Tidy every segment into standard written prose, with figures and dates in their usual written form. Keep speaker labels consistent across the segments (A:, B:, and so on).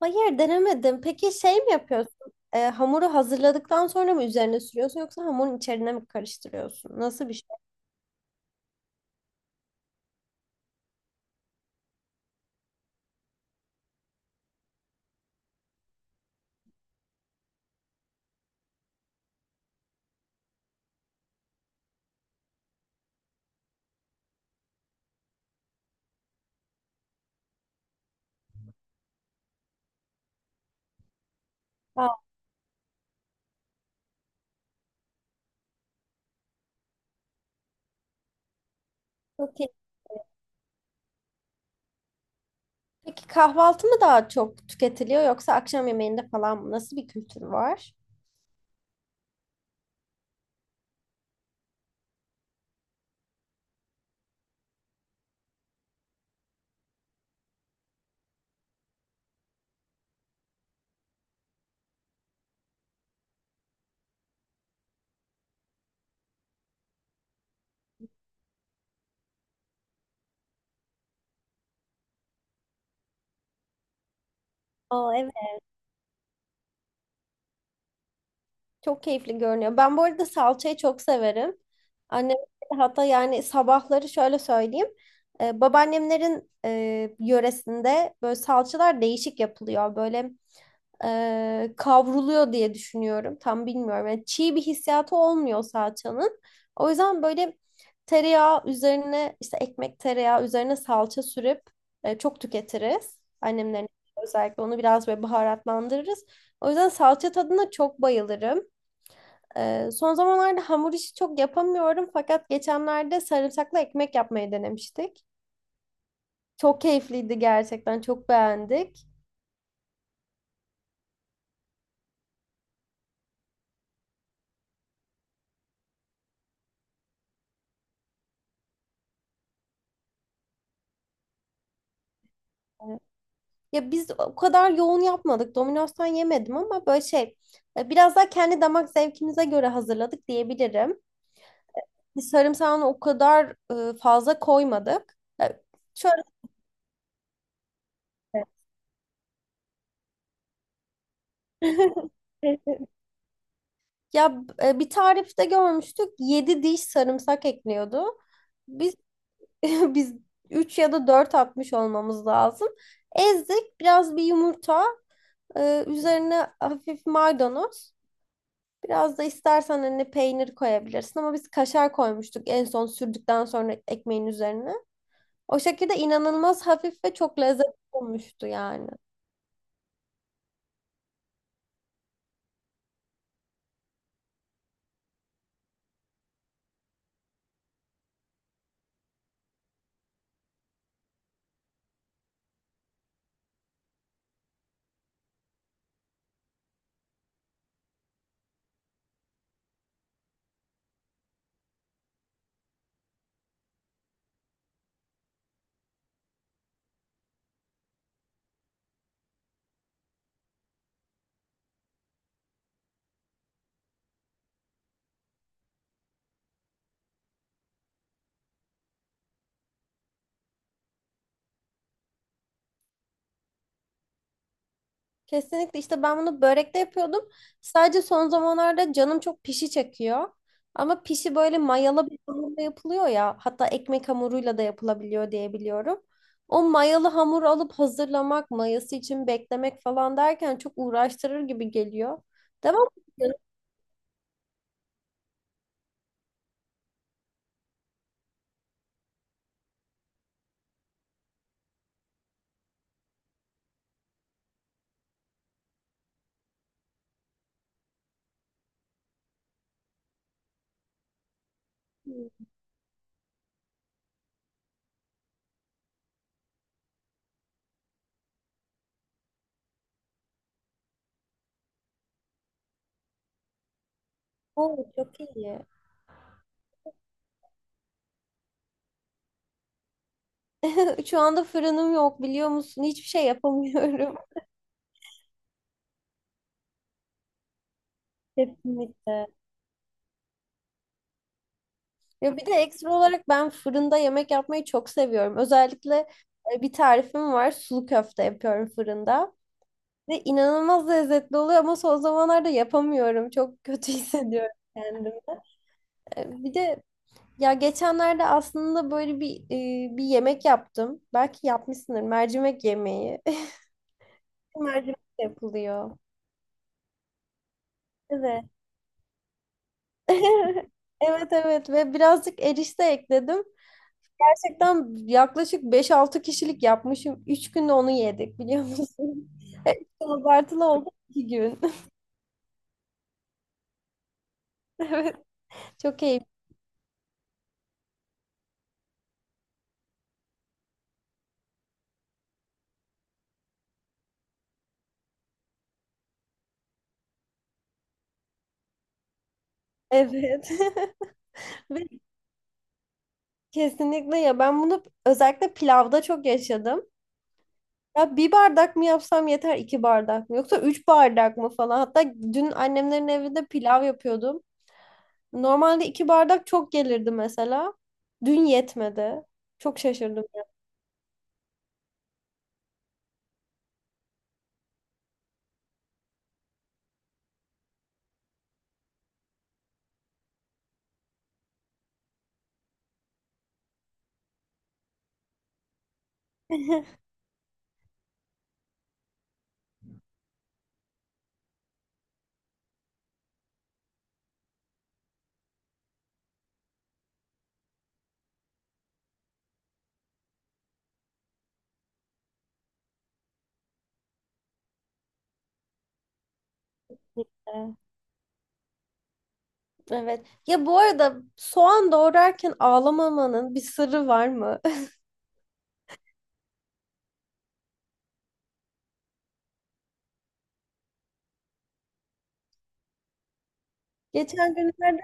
A: Hayır, denemedim. Peki şey mi yapıyorsun? Hamuru hazırladıktan sonra mı üzerine sürüyorsun yoksa hamurun içerine mi karıştırıyorsun? Nasıl bir şey? Aa, çok iyi. Peki kahvaltı mı daha çok tüketiliyor yoksa akşam yemeğinde falan mı? Nasıl bir kültür var? Aa, evet. Çok keyifli görünüyor. Ben bu arada salçayı çok severim. Annem hatta yani sabahları şöyle söyleyeyim. Babaannemlerin yöresinde böyle salçalar değişik yapılıyor. Böyle kavruluyor diye düşünüyorum. Tam bilmiyorum. Yani çiğ bir hissiyatı olmuyor salçanın. O yüzden böyle tereyağı üzerine işte ekmek tereyağı üzerine salça sürüp çok tüketiriz. Annemlerin özellikle onu biraz böyle baharatlandırırız. O yüzden salça tadına çok bayılırım. Son zamanlarda hamur işi çok yapamıyorum fakat geçenlerde sarımsaklı ekmek yapmayı denemiştik. Çok keyifliydi gerçekten. Çok beğendik. Evet. Ya biz o kadar yoğun yapmadık. Domino's'tan yemedim ama böyle biraz daha kendi damak zevkimize göre hazırladık diyebilirim. Biz sarımsağını o kadar fazla koymadık. Ya, şöyle. Ya, bir tarifte görmüştük, 7 diş sarımsak ekliyordu. Biz biz 3 ya da 4 atmış olmamız lazım. Ezdik biraz, bir yumurta, üzerine hafif maydanoz. Biraz da istersen hani peynir koyabilirsin ama biz kaşar koymuştuk en son, sürdükten sonra ekmeğin üzerine. O şekilde inanılmaz hafif ve çok lezzetli olmuştu yani. Kesinlikle, işte ben bunu börekte yapıyordum. Sadece son zamanlarda canım çok pişi çekiyor. Ama pişi böyle mayalı bir hamurla yapılıyor ya. Hatta ekmek hamuruyla da yapılabiliyor diye biliyorum. O mayalı hamur alıp hazırlamak, mayası için beklemek falan derken çok uğraştırır gibi geliyor. Devam ediyorum. Oo, çok iyi. Şu anda fırınım yok, biliyor musun? Hiçbir şey yapamıyorum. Kesinlikle. Ya bir de ekstra olarak ben fırında yemek yapmayı çok seviyorum. Özellikle bir tarifim var. Sulu köfte yapıyorum fırında. Ve inanılmaz lezzetli oluyor ama son zamanlarda yapamıyorum. Çok kötü hissediyorum kendimi. E, bir de ya geçenlerde aslında böyle bir bir yemek yaptım. Belki yapmışsındır. Mercimek yemeği. Mercimek yapılıyor. Evet. Evet, evet ve birazcık erişte ekledim. Gerçekten yaklaşık beş-altı kişilik yapmışım. 3 günde onu yedik, biliyor musun? Evet, abartılı oldu, 2 gün. Evet. Çok keyifli. Evet. Ve kesinlikle ya, ben bunu özellikle pilavda çok yaşadım. Ya bir bardak mı yapsam yeter, iki bardak mı yoksa üç bardak mı falan. Hatta dün annemlerin evinde pilav yapıyordum. Normalde iki bardak çok gelirdi mesela. Dün yetmedi. Çok şaşırdım. Evet. Ya bu arada soğan doğrarken ağlamamanın bir sırrı var mı? Geçen günlerde,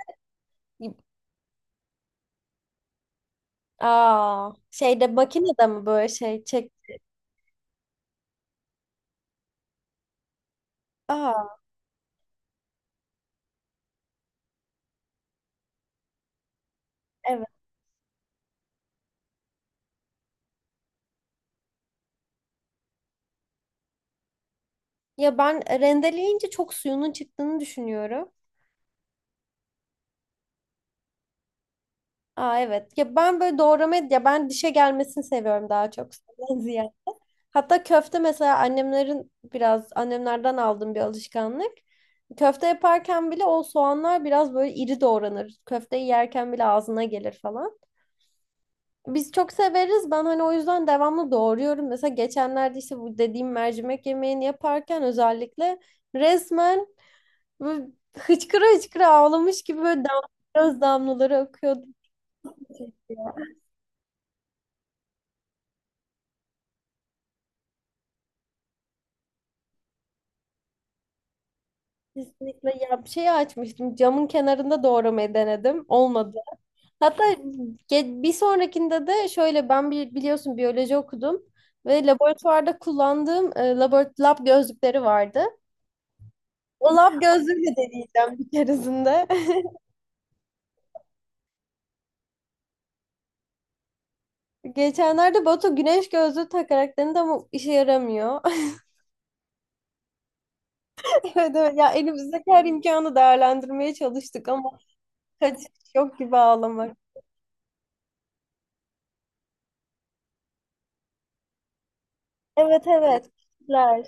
A: aa, şeyde, makinede mi böyle şey çek. Aa, evet. Ya ben rendeleyince çok suyunun çıktığını düşünüyorum. Aa, evet. Ya ben böyle doğramayı, ya ben dişe gelmesini seviyorum daha çok, suyundan ziyade. Hatta köfte mesela annemlerin, biraz annemlerden aldığım bir alışkanlık. Köfte yaparken bile o soğanlar biraz böyle iri doğranır. Köfteyi yerken bile ağzına gelir falan. Biz çok severiz. Ben hani o yüzden devamlı doğruyorum. Mesela geçenlerde işte bu dediğim mercimek yemeğini yaparken özellikle resmen böyle hıçkıra hıçkıra ağlamış gibi böyle göz damlaları akıyordu. Kesinlikle, ya bir şey açmıştım. Camın kenarında doğramayı denedim. Olmadı. Hatta bir sonrakinde de şöyle, ben bir, biliyorsun, biyoloji okudum ve laboratuvarda kullandığım lab gözlükleri vardı. O lab gözlüğüyle deneyeceğim bir keresinde. Geçenlerde Batu güneş gözlüğü takarak denedi ama işe yaramıyor. Evet, evet. Ya elimizdeki her imkanı değerlendirmeye çalıştık ama kaçış yok gibi, ağlamak. Evet, evet. Teşekkürler.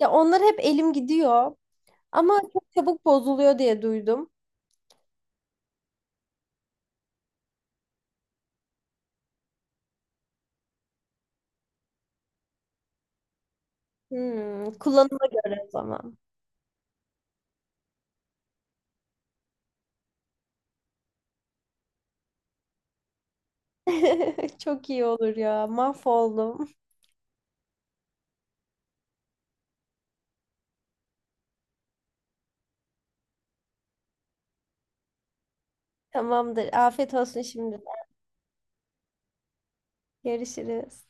A: Ya onlar hep elim gidiyor ama çok çabuk bozuluyor diye duydum. Hmm, kullanıma göre o zaman. Çok iyi olur ya. Mahvoldum. Tamamdır. Afiyet olsun şimdi. Görüşürüz.